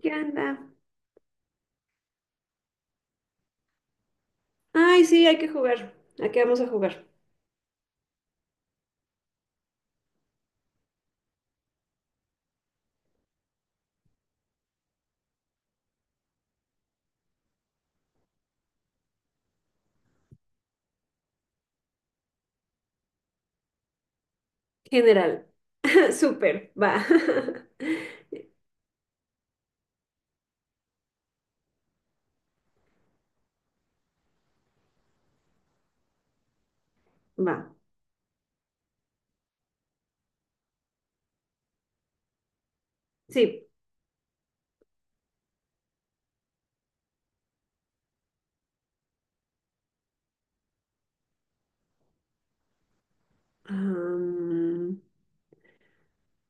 ¿Qué anda? Ay, sí, hay que jugar. ¿A qué vamos a jugar? General. Súper, va. Va, sí. Am,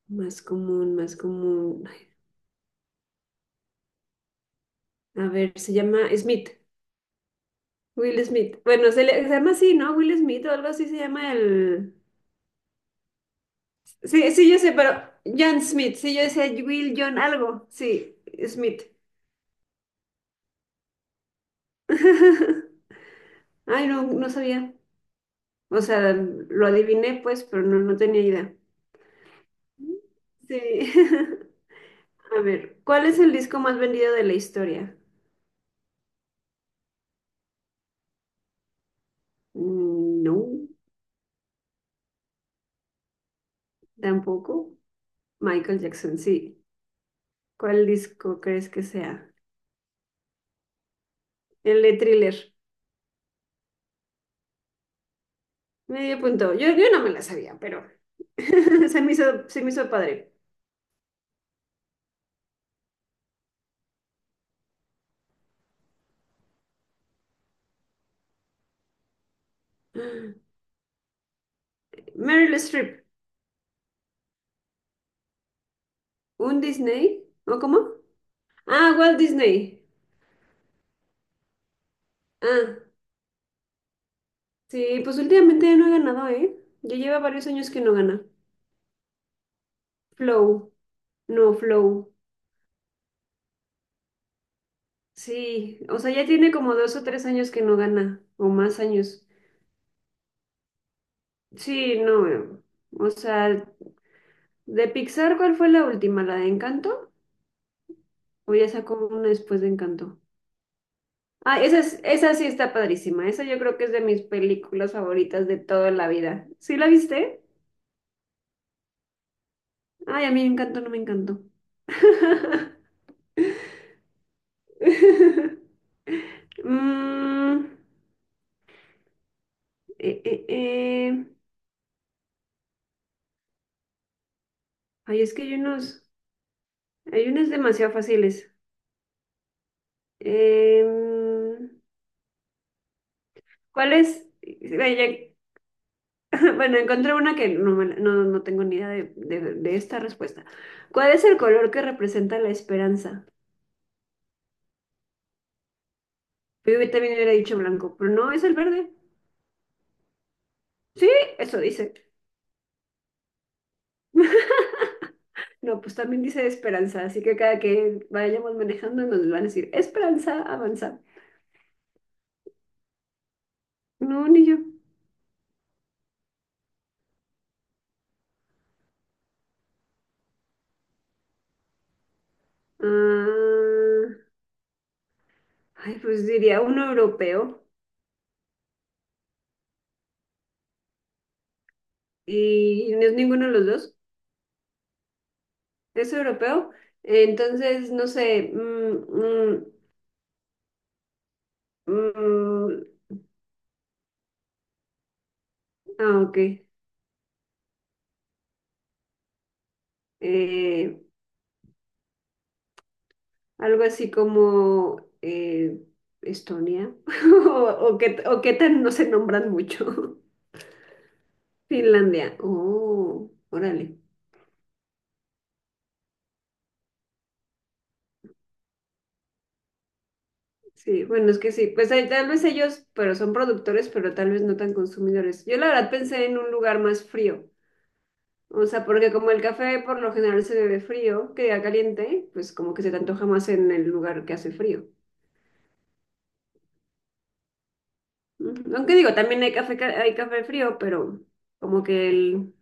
Más común, más común. Ay, a ver, se llama Smith. Will Smith. Bueno, se llama así, ¿no? Will Smith o algo así se llama el... Sí, sí, yo sé, pero John Smith. Sí, yo decía Will John algo. Sí, Smith. Ay, no, no sabía. O sea, lo adiviné pues, pero no, no tenía idea. Sí. A ver, ¿cuál es el disco más vendido de la historia? Mm, no, tampoco. Michael Jackson, sí. ¿Cuál disco crees que sea? El de Thriller. Medio punto. Yo no me la sabía, pero se me hizo padre. Meryl Streep, ¿un Disney? ¿O cómo? Ah, Walt Disney. Ah, sí, pues últimamente no he ganado, ¿eh? Ya lleva varios años que no gana. Flow, no, Flow. Sí, o sea, ya tiene como 2 o 3 años que no gana, o más años. Sí, no, o sea, de Pixar, ¿cuál fue la última? ¿La de Encanto? ¿O ya sacó una después de Encanto? Ah, esa, esa sí está padrísima, esa yo creo que es de mis películas favoritas de toda la vida. ¿Sí la viste? Ay, a mí Encanto no me encantó. Mm, eh, eh, eh. Ay, es que hay unas demasiado fáciles. Em, ¿Cuál es? Ve, Bueno, encontré una que no, no, no tengo ni idea de esta respuesta. ¿Cuál es el color que representa la esperanza? Yo también hubiera dicho blanco, pero no, es el verde. Sí, eso dice. No, pues también dice esperanza, así que cada que vayamos manejando nos van a decir esperanza, avanza. No, ni yo. Ah, ay, pues diría uno europeo y no es ninguno de los dos. Es europeo. Entonces, no sé. Mm, mm, ah, ok. Eh, Algo así como Estonia. O que tan no se nombran mucho. Finlandia. Oh, órale. Sí, bueno, es que sí. Pues tal vez ellos, pero son productores, pero tal vez no tan consumidores. Yo la verdad pensé en un lugar más frío. O sea, porque como el café por lo general se bebe frío, queda caliente, pues como que se te antoja más en el lugar que hace frío. Ujú. Aunque digo, también hay café, hay café frío, pero como que el,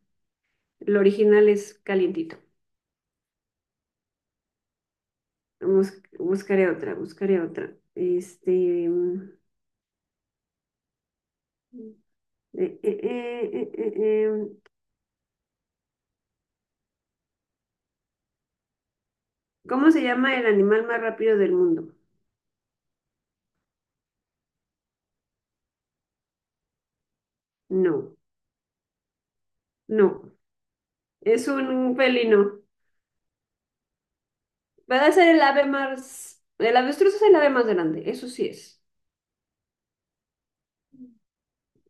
el original es calientito. Buscaré otra. Este, eh, eh, eh, eh, eh, eh, ¿cómo se llama el animal más rápido del mundo? No, no, es un felino. Va a ser el ave más, el avestruz es el ave más grande, eso sí es.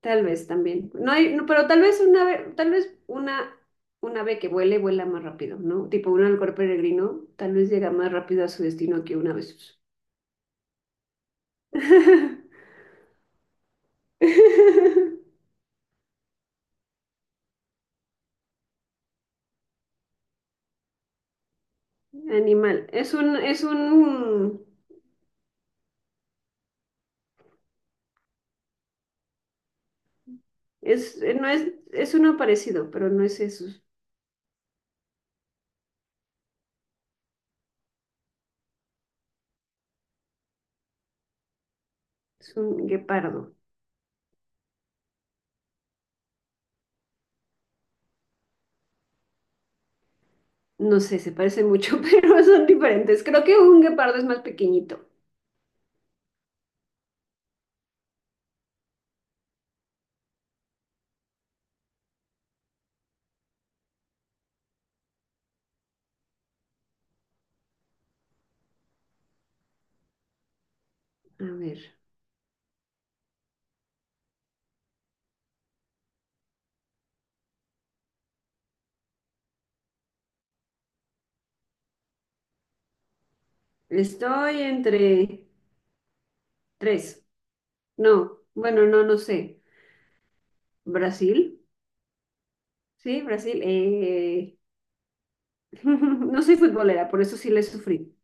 Tal vez también. No, pero tal vez una ave, una ave que vuela más rápido, ¿no? Tipo un halcón peregrino, tal vez llega más rápido a su destino que una ave. Animal. No es uno parecido, pero no es eso. Es un guepardo. No sé, se parecen mucho, pero son diferentes. Creo que un guepardo es más pequeñito. A ver. Estoy entre tres. No, bueno, no, no sé. Brasil, sí, Brasil. No soy futbolera, por eso sí le sufrí.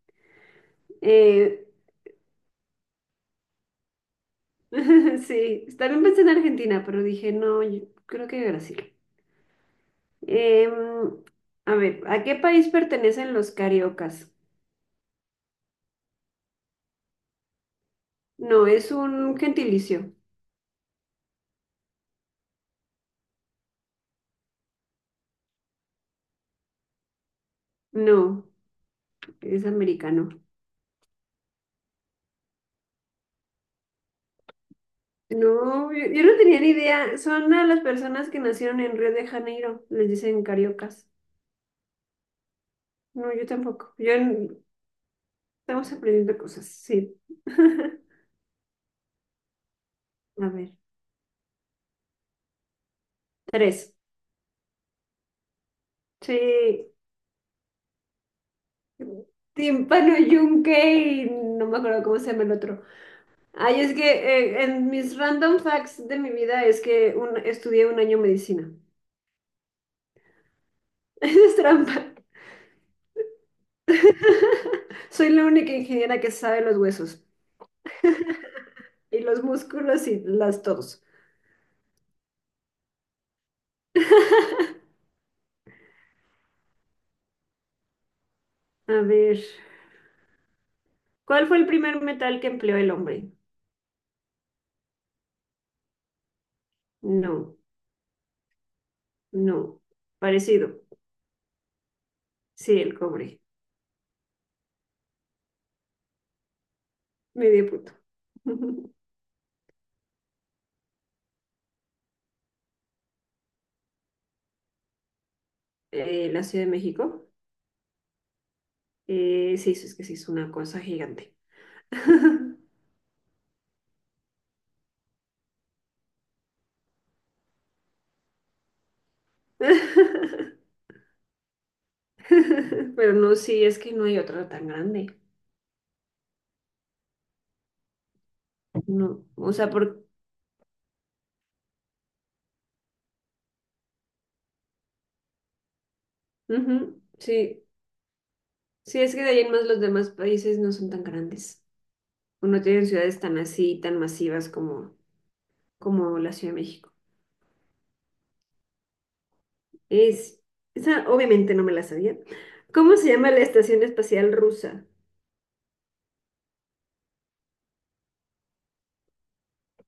Eh, Sí, también pensé en Argentina, pero dije, no, yo creo que Brasil. Em, a ver, ¿a qué país pertenecen los cariocas? No, es un gentilicio. No, es americano. No, yo no tenía ni idea. Son a las personas que nacieron en Río de Janeiro, les dicen cariocas. No, yo tampoco. Estamos aprendiendo cosas, sí. A ver, tres. Sí. Tímpano, yunque y no me acuerdo cómo se llama el otro. Ay, es que en mis random facts de mi vida es que estudié un año medicina. Eso es trampa. Soy la única ingeniera que sabe los huesos y los músculos y las todos. A ver, ¿cuál fue el primer metal que empleó el hombre? No, no, parecido. Sí, el cobre. Medio punto. La Ciudad de México. Sí, es que sí es una cosa gigante. Pero no, sí, es que no hay otra tan grande. No, o sea, por... Ujú, sí, sí, es que de ahí en más los demás países no son tan grandes. O no tienen ciudades tan así, tan masivas como la Ciudad de México. Es, esa obviamente no me la sabía. ¿Cómo se llama la estación espacial rusa?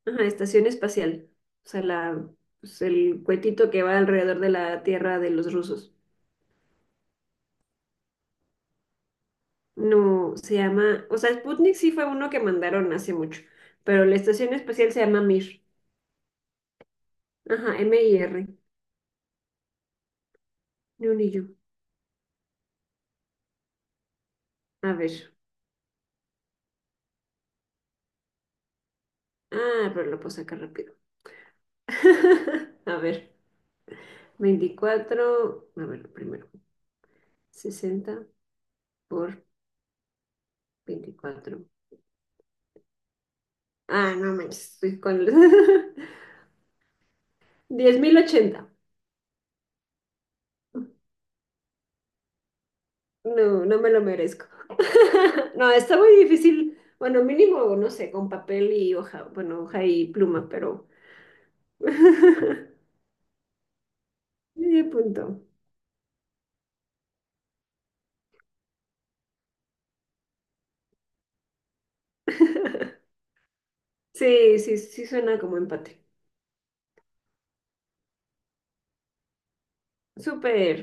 Ajá, estación espacial. O sea, pues, el cuetito que va alrededor de la Tierra de los rusos. No, se llama, o sea, Sputnik sí fue uno que mandaron hace mucho, pero la estación espacial se llama Mir. Ajá, Mir. Ni un ni yo. A ver. Ah, pero lo puedo sacar rápido. A ver. 24, a ver, primero. 60 por 24. Ah, no manches, estoy con... 10,080. No, no me lo merezco. No, está muy difícil. Bueno, mínimo, no sé, con papel y hoja, bueno, hoja y pluma, pero medio punto. Sí, sí, sí suena como empate. Súper,